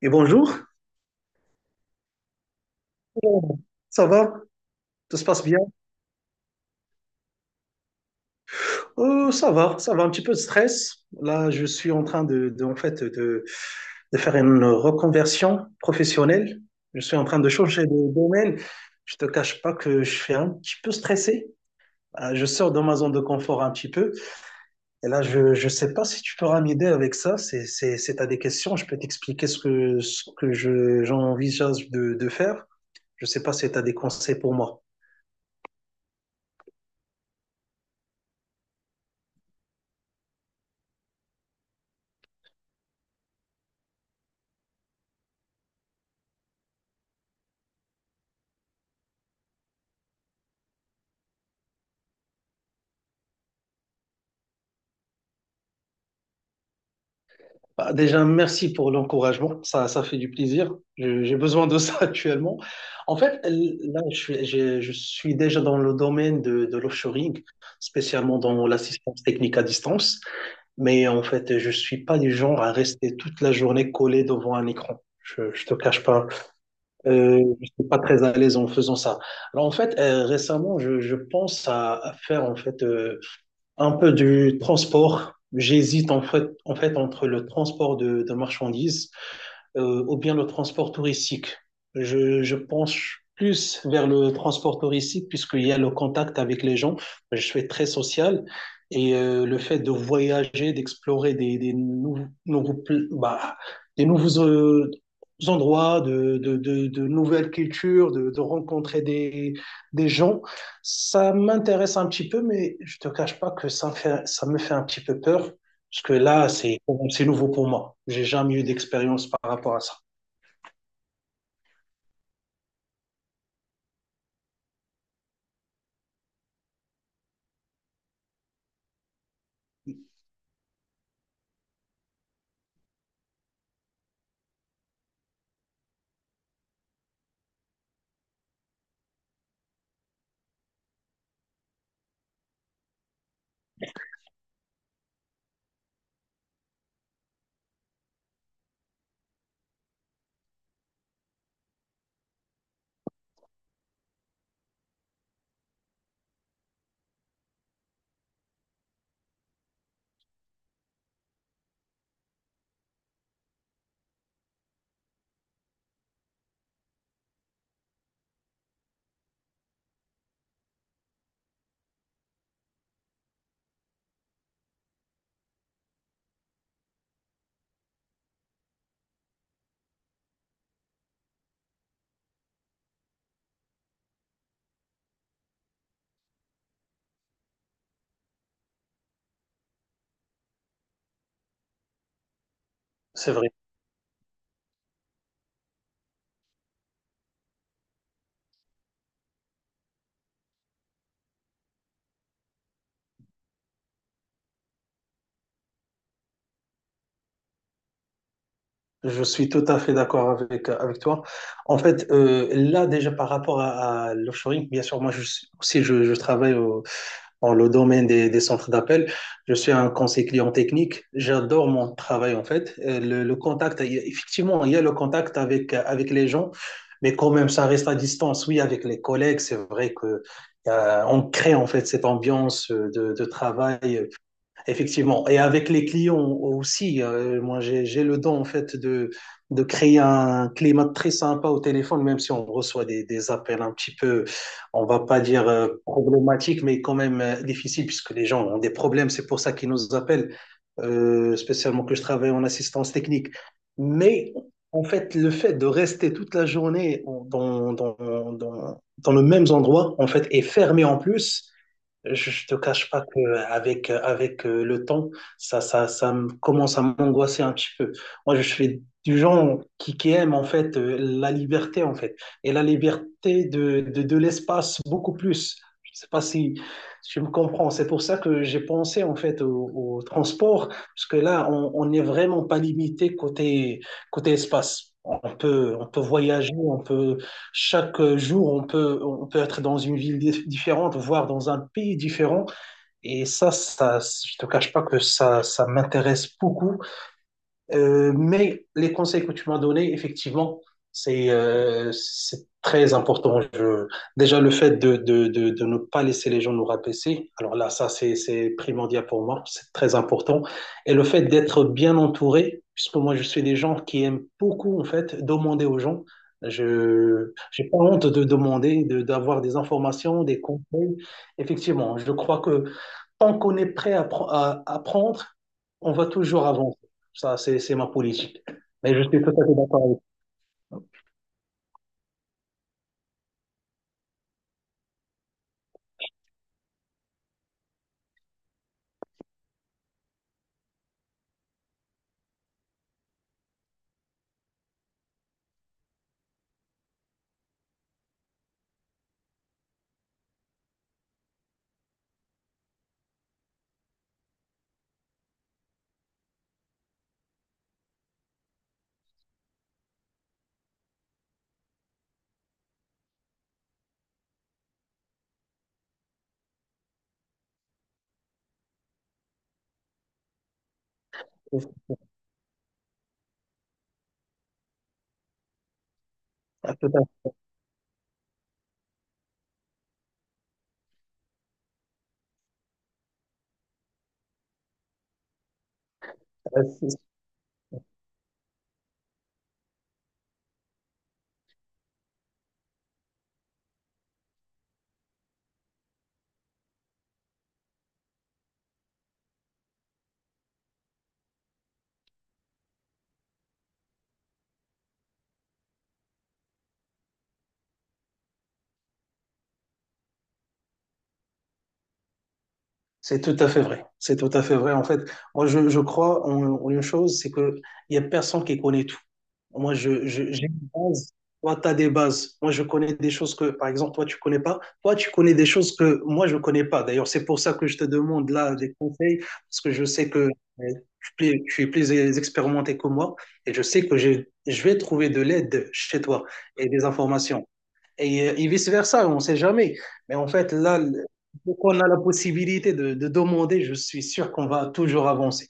Et bonjour. Oh, ça va? Tout se passe bien? Ça va, ça va, un petit peu de stress. Là, je suis en train de faire une reconversion professionnelle. Je suis en train de changer de domaine. Je te cache pas que je suis un petit peu stressé. Je sors de ma zone de confort un petit peu. Et là, je sais pas si tu pourras m'aider avec ça. C'est t'as des questions. Je peux t'expliquer ce que j'envisage de faire. Je sais pas si tu as des conseils pour moi. Bah, déjà, merci pour l'encouragement. Ça fait du plaisir. J'ai besoin de ça actuellement. En fait, là, je suis déjà dans le domaine de l'offshoring, spécialement dans l'assistance technique à distance. Mais en fait, je suis pas du genre à rester toute la journée collé devant un écran. Je te cache pas. Je suis pas très à l'aise en faisant ça. Alors, en fait, récemment, je pense à faire, en fait, un peu du transport. J'hésite en fait entre le transport de marchandises ou bien le transport touristique. Je penche plus vers le transport touristique puisqu'il y a le contact avec les gens. Je suis très social et le fait de voyager, d'explorer des nouveaux, nouveaux bah, des nouveaux endroits, de nouvelles cultures, de rencontrer des gens. Ça m'intéresse un petit peu, mais je te cache pas que ça me fait un petit peu peur parce que là, c'est nouveau pour moi. J'ai jamais eu d'expérience par rapport à ça. C'est vrai. Je suis tout à fait d'accord avec, avec toi. En fait, là, déjà par rapport à l'offshoring, bien sûr, moi je suis- aussi, je travaille dans le domaine des centres d'appel. Je suis un conseiller client technique. J'adore mon travail, en fait. Le contact, effectivement, il y a le contact avec, avec les gens, mais quand même, ça reste à distance. Oui, avec les collègues, c'est vrai que on crée en fait cette ambiance de travail. Effectivement. Et avec les clients aussi, moi j'ai le don en fait de créer un climat très sympa au téléphone, même si on reçoit des appels un petit peu, on va pas dire problématiques, mais quand même difficiles, puisque les gens ont des problèmes, c'est pour ça qu'ils nous appellent, spécialement que je travaille en assistance technique. Mais en fait, le fait de rester toute la journée dans le même endroit, en fait, et fermé en plus, je te cache pas que avec le temps, ça me commence à m'angoisser un petit peu. Moi, je suis du genre qui aime en fait la liberté en fait et la liberté de l'espace beaucoup plus. Je sais pas si tu me comprends. C'est pour ça que j'ai pensé en fait au, au transport parce que là, on n'est vraiment pas limité côté espace. On peut voyager, on peut chaque jour, on peut être dans une ville différente, voire dans un pays différent. Et ça, je ne te cache pas que ça m'intéresse beaucoup. Mais les conseils que tu m'as donnés, effectivement, c'est très important. Déjà, le fait de, de ne pas laisser les gens nous rabaisser, alors là, ça, c'est primordial pour moi, c'est très important. Et le fait d'être bien entouré, puisque moi, je suis des gens qui aiment beaucoup, en fait, demander aux gens. Je j'ai pas honte de demander, de, d'avoir des informations, des conseils. Effectivement, je crois que tant qu'on est prêt à, à apprendre, on va toujours avancer. Ça, c'est ma politique. Mais je suis tout à fait d'accord avec vous. Tout à fait. C'est tout à fait vrai. C'est tout à fait vrai. En fait, moi, je crois en, en une chose, c'est qu'il n'y a personne qui connaît tout. Moi, j'ai une base. Toi, tu as des bases. Moi, je connais des choses que, par exemple, toi, tu connais pas. Toi, tu connais des choses que moi, je connais pas. D'ailleurs, c'est pour ça que je te demande là des conseils, parce que je sais que tu, tu es plus expérimenté que moi, et je sais que je vais trouver de l'aide chez toi et des informations et vice-versa, on ne sait jamais. Mais en fait, là, dès qu'on a la possibilité de demander, je suis sûr qu'on va toujours avancer.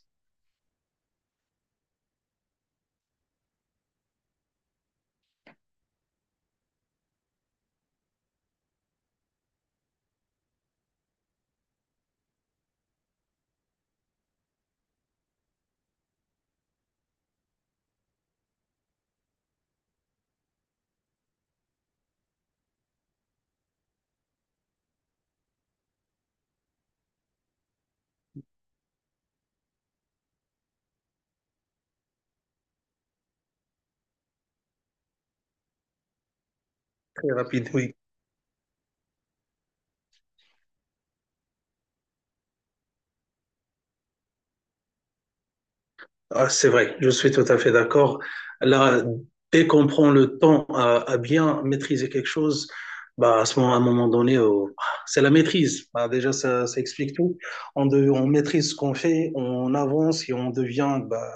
Très rapide, oui. Ah, c'est vrai, je suis tout à fait d'accord. Là, dès qu'on prend le temps à bien maîtriser quelque chose, bah, à ce moment, à un moment donné, oh, c'est la maîtrise. Bah, déjà, ça explique tout. On maîtrise ce qu'on fait, on avance et on devient bah,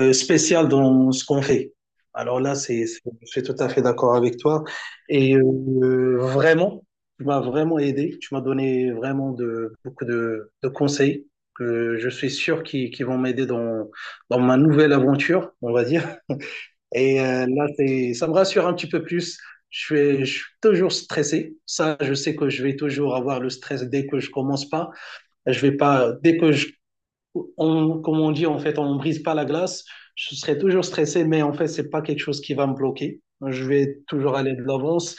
spécial dans ce qu'on fait. Alors là, je suis tout à fait d'accord avec toi. Et vraiment, tu m'as vraiment aidé. Tu m'as donné vraiment de, beaucoup de conseils que je suis sûr qui vont m'aider dans, dans ma nouvelle aventure, on va dire. Et là, ça me rassure un petit peu plus. Je suis toujours stressé. Ça, je sais que je vais toujours avoir le stress dès que je commence pas. Je vais pas, dès que je on, comme on dit, en fait, on ne brise pas la glace. Je serai toujours stressé, mais en fait, c'est pas quelque chose qui va me bloquer. Je vais toujours aller de l'avance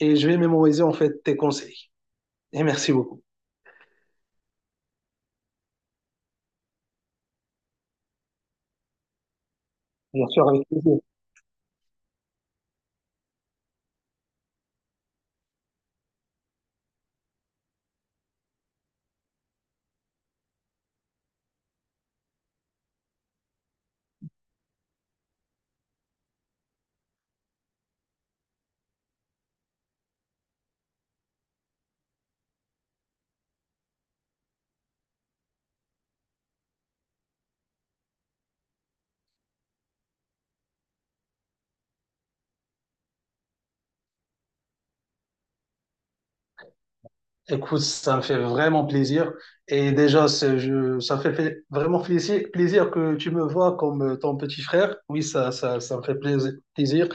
et je vais mémoriser, en fait, tes conseils. Et merci beaucoup. Bien sûr, avec plaisir. Écoute, ça me fait vraiment plaisir. Et déjà, ça fait vraiment plaisir que tu me vois comme ton petit frère. Oui, ça me fait plaisir.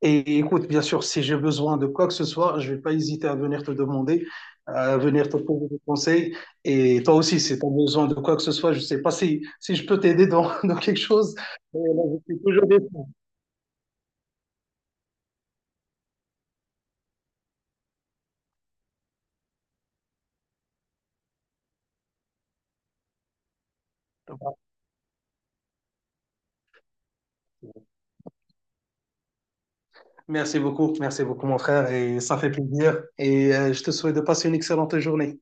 Et écoute, bien sûr, si j'ai besoin de quoi que ce soit, je vais pas hésiter à venir te demander, à venir te poser des conseils. Et toi aussi, si tu as besoin de quoi que ce soit, je sais pas si je peux t'aider dans, dans quelque chose. Mais là, je suis toujours dispo. Merci beaucoup, mon frère. Et ça fait plaisir. Et je te souhaite de passer une excellente journée.